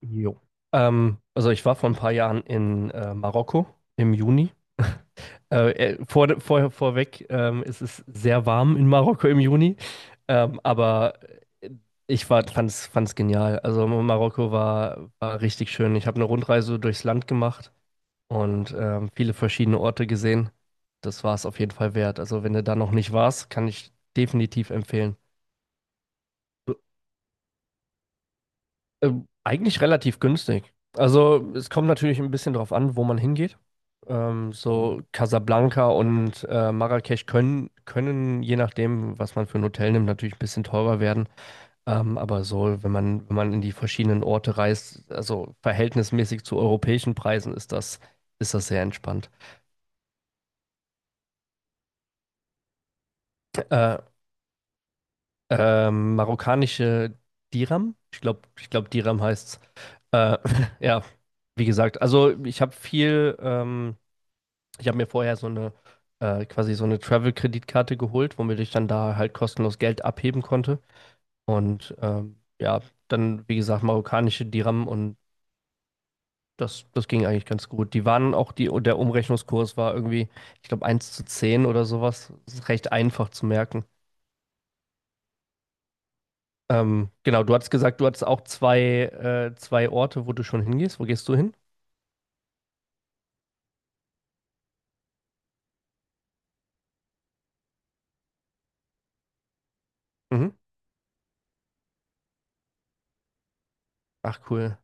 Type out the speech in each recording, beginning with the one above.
Jo. Also ich war vor ein paar Jahren in Marokko im Juni. Vorweg, es ist sehr warm in Marokko im Juni, aber fand es genial. Also Marokko war richtig schön. Ich habe eine Rundreise durchs Land gemacht und viele verschiedene Orte gesehen. Das war es auf jeden Fall wert. Also wenn du da noch nicht warst, kann ich definitiv empfehlen. Eigentlich relativ günstig. Also es kommt natürlich ein bisschen drauf an, wo man hingeht. So Casablanca und Marrakesch können, je nachdem, was man für ein Hotel nimmt, natürlich ein bisschen teurer werden. Aber so, wenn man in die verschiedenen Orte reist, also verhältnismäßig zu europäischen Preisen, ist das sehr entspannt. Äh, Marokkanische Dirham, ich glaube, Dirham heißt. Äh, ja, wie gesagt, also ich habe viel. Ich habe mir vorher so eine quasi so eine Travel-Kreditkarte geholt, womit ich dann da halt kostenlos Geld abheben konnte. Und ja, dann, wie gesagt, marokkanische Dirham und das ging eigentlich ganz gut. Die waren auch, die, der Umrechnungskurs war irgendwie, ich glaube, eins zu 10 oder sowas. Das ist recht einfach zu merken. Genau, du hattest gesagt, du hattest auch zwei Orte, wo du schon hingehst. Wo gehst du hin? Mhm. Ach, cool.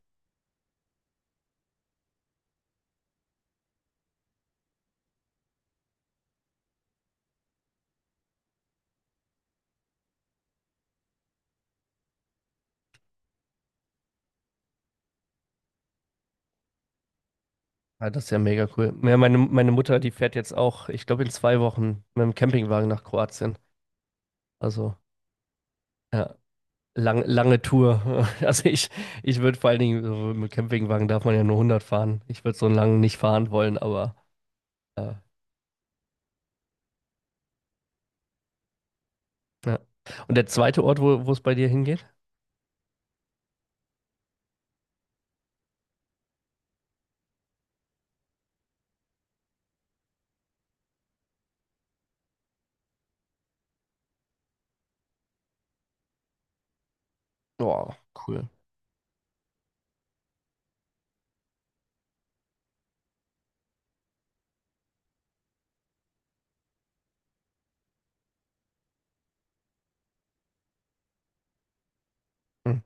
Ja, das ist ja mega cool. Ja, meine Mutter, die fährt jetzt auch, ich glaube, in 2 Wochen mit dem Campingwagen nach Kroatien. Also, ja, lange Tour. Also ich würde vor allen Dingen, so mit Campingwagen darf man ja nur 100 fahren. Ich würde so einen langen nicht fahren wollen, aber äh, ja. Und der zweite Ort, wo es bei dir hingeht? Boah, cool. Hm.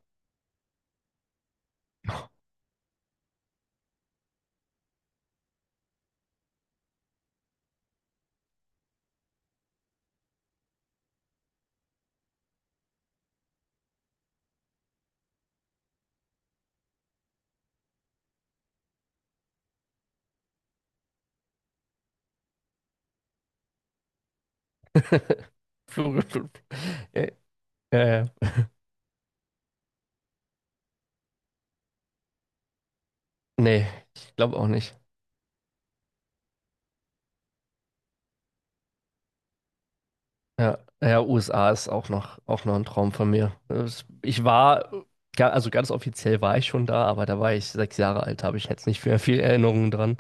Flug- Flug- Äh, äh, Nee, ich glaube auch nicht. Ja, ja, USA ist auch noch ein Traum von mir. Also ganz offiziell war ich schon da, aber da war ich 6 Jahre alt, habe ich jetzt nicht mehr viel Erinnerungen dran.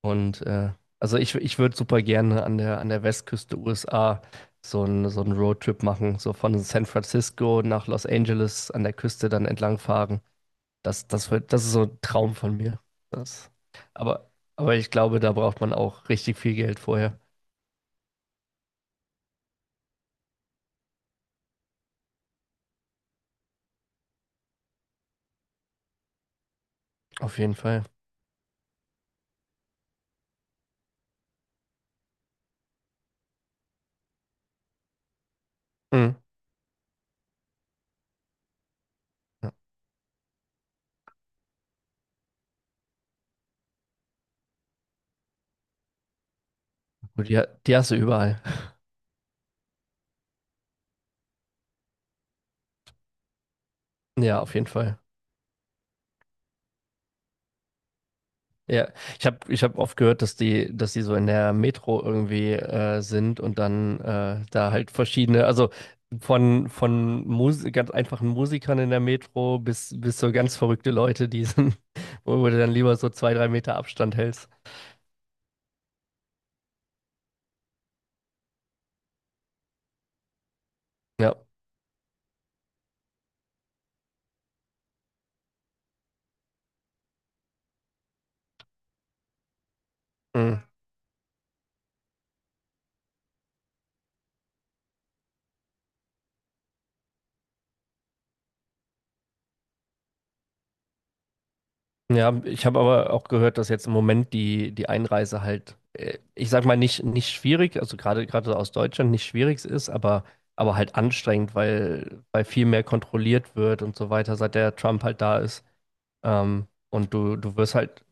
Und also ich würde super gerne an an der Westküste USA so einen Roadtrip machen, so von San Francisco nach Los Angeles an der Küste dann entlangfahren. Das ist so ein Traum von mir. Das, aber, aber ich glaube, da braucht man auch richtig viel Geld vorher. Auf jeden Fall. Mhm. Und die hast du überall. Ja, auf jeden Fall. Ja, ich hab oft gehört, dass dass die so in der Metro irgendwie sind und dann da halt verschiedene, also von Mus ganz einfachen Musikern in der Metro bis so ganz verrückte Leute, die sind, wo du dann lieber so 2, 3 Meter Abstand hältst. Ja. Mhm. Ja, ich habe aber auch gehört, dass jetzt im Moment die Einreise halt, ich sag mal, nicht schwierig, also gerade aus Deutschland nicht schwierig ist, aber halt anstrengend, weil viel mehr kontrolliert wird und so weiter, seit der Trump halt da ist. Und du wirst halt,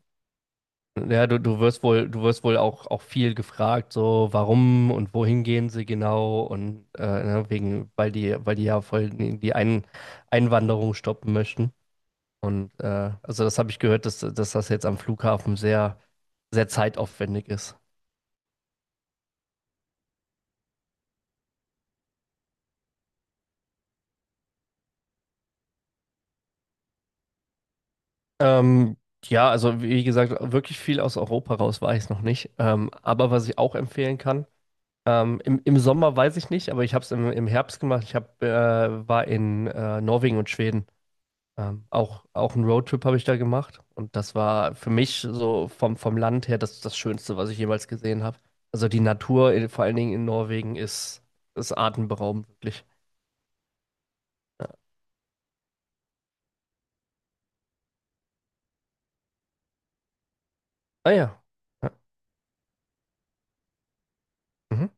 ja, du wirst wohl auch viel gefragt, so warum und wohin gehen sie genau und ne, wegen, weil die ja voll die Einwanderung stoppen möchten. Und also das habe ich gehört, dass das jetzt am Flughafen sehr, sehr zeitaufwendig ist. Ähm, ja, also wie gesagt, wirklich viel aus Europa raus war ich noch nicht. Aber was ich auch empfehlen kann, im Sommer weiß ich nicht, aber ich habe es im Herbst gemacht. Ich hab, war in Norwegen und Schweden. Auch einen Roadtrip habe ich da gemacht. Und das war für mich so vom Land her das Schönste, was ich jemals gesehen habe. Also die Natur, vor allen Dingen in Norwegen, ist atemberaubend, wirklich. Ah ja. Ja. Mhm.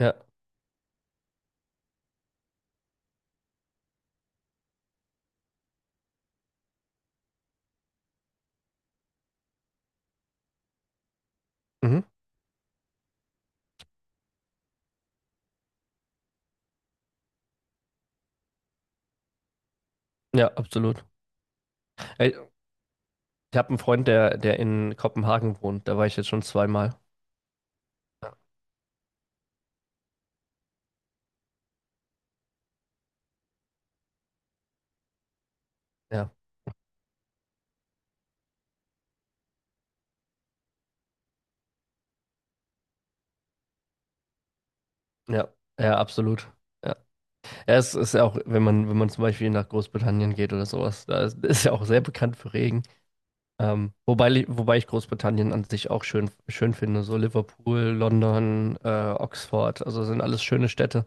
Ja. Mhm. Ja, absolut. Ey, ich habe einen Freund, der in Kopenhagen wohnt. Da war ich jetzt schon zweimal. Ja, ja, ja, absolut. Ja. Ja, es ist ja auch, wenn man zum Beispiel nach Großbritannien geht oder sowas, ist ja auch sehr bekannt für Regen. Wobei ich Großbritannien an sich auch schön, schön finde. So Liverpool, London, Oxford, also sind alles schöne Städte.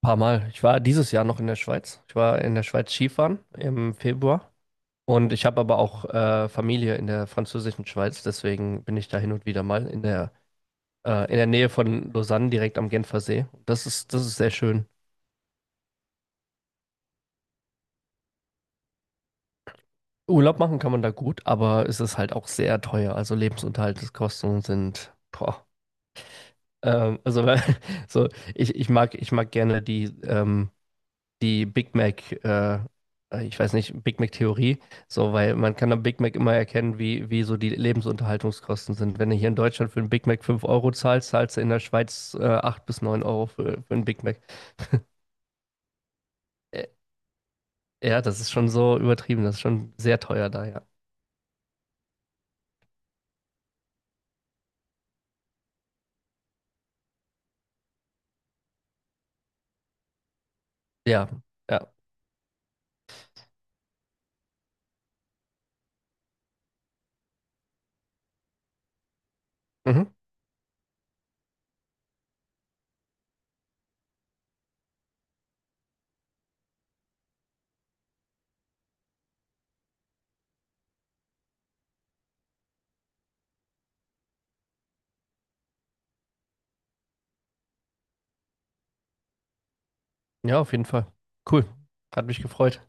Paar Mal. Ich war dieses Jahr noch in der Schweiz. Ich war in der Schweiz Skifahren im Februar. Und ich habe aber auch Familie in der französischen Schweiz, deswegen bin ich da hin und wieder mal in der Nähe von Lausanne, direkt am Genfersee. Das ist sehr schön. Urlaub machen kann man da gut, aber es ist halt auch sehr teuer. Also Lebensunterhaltskosten sind, boah. Also so, ich mag gerne die die Big Mac, ich weiß nicht, Big Mac-Theorie, so, weil man kann am Big Mac immer erkennen, wie so die Lebensunterhaltungskosten sind. Wenn du hier in Deutschland für einen Big Mac 5 Euro zahlst, zahlst du in der Schweiz 8 bis neun Euro für einen Big Mac. Äh, ja, das ist schon so übertrieben, das ist schon sehr teuer da, ja. Ja, ja. Mhm. Ja, auf jeden Fall. Cool. Hat mich gefreut.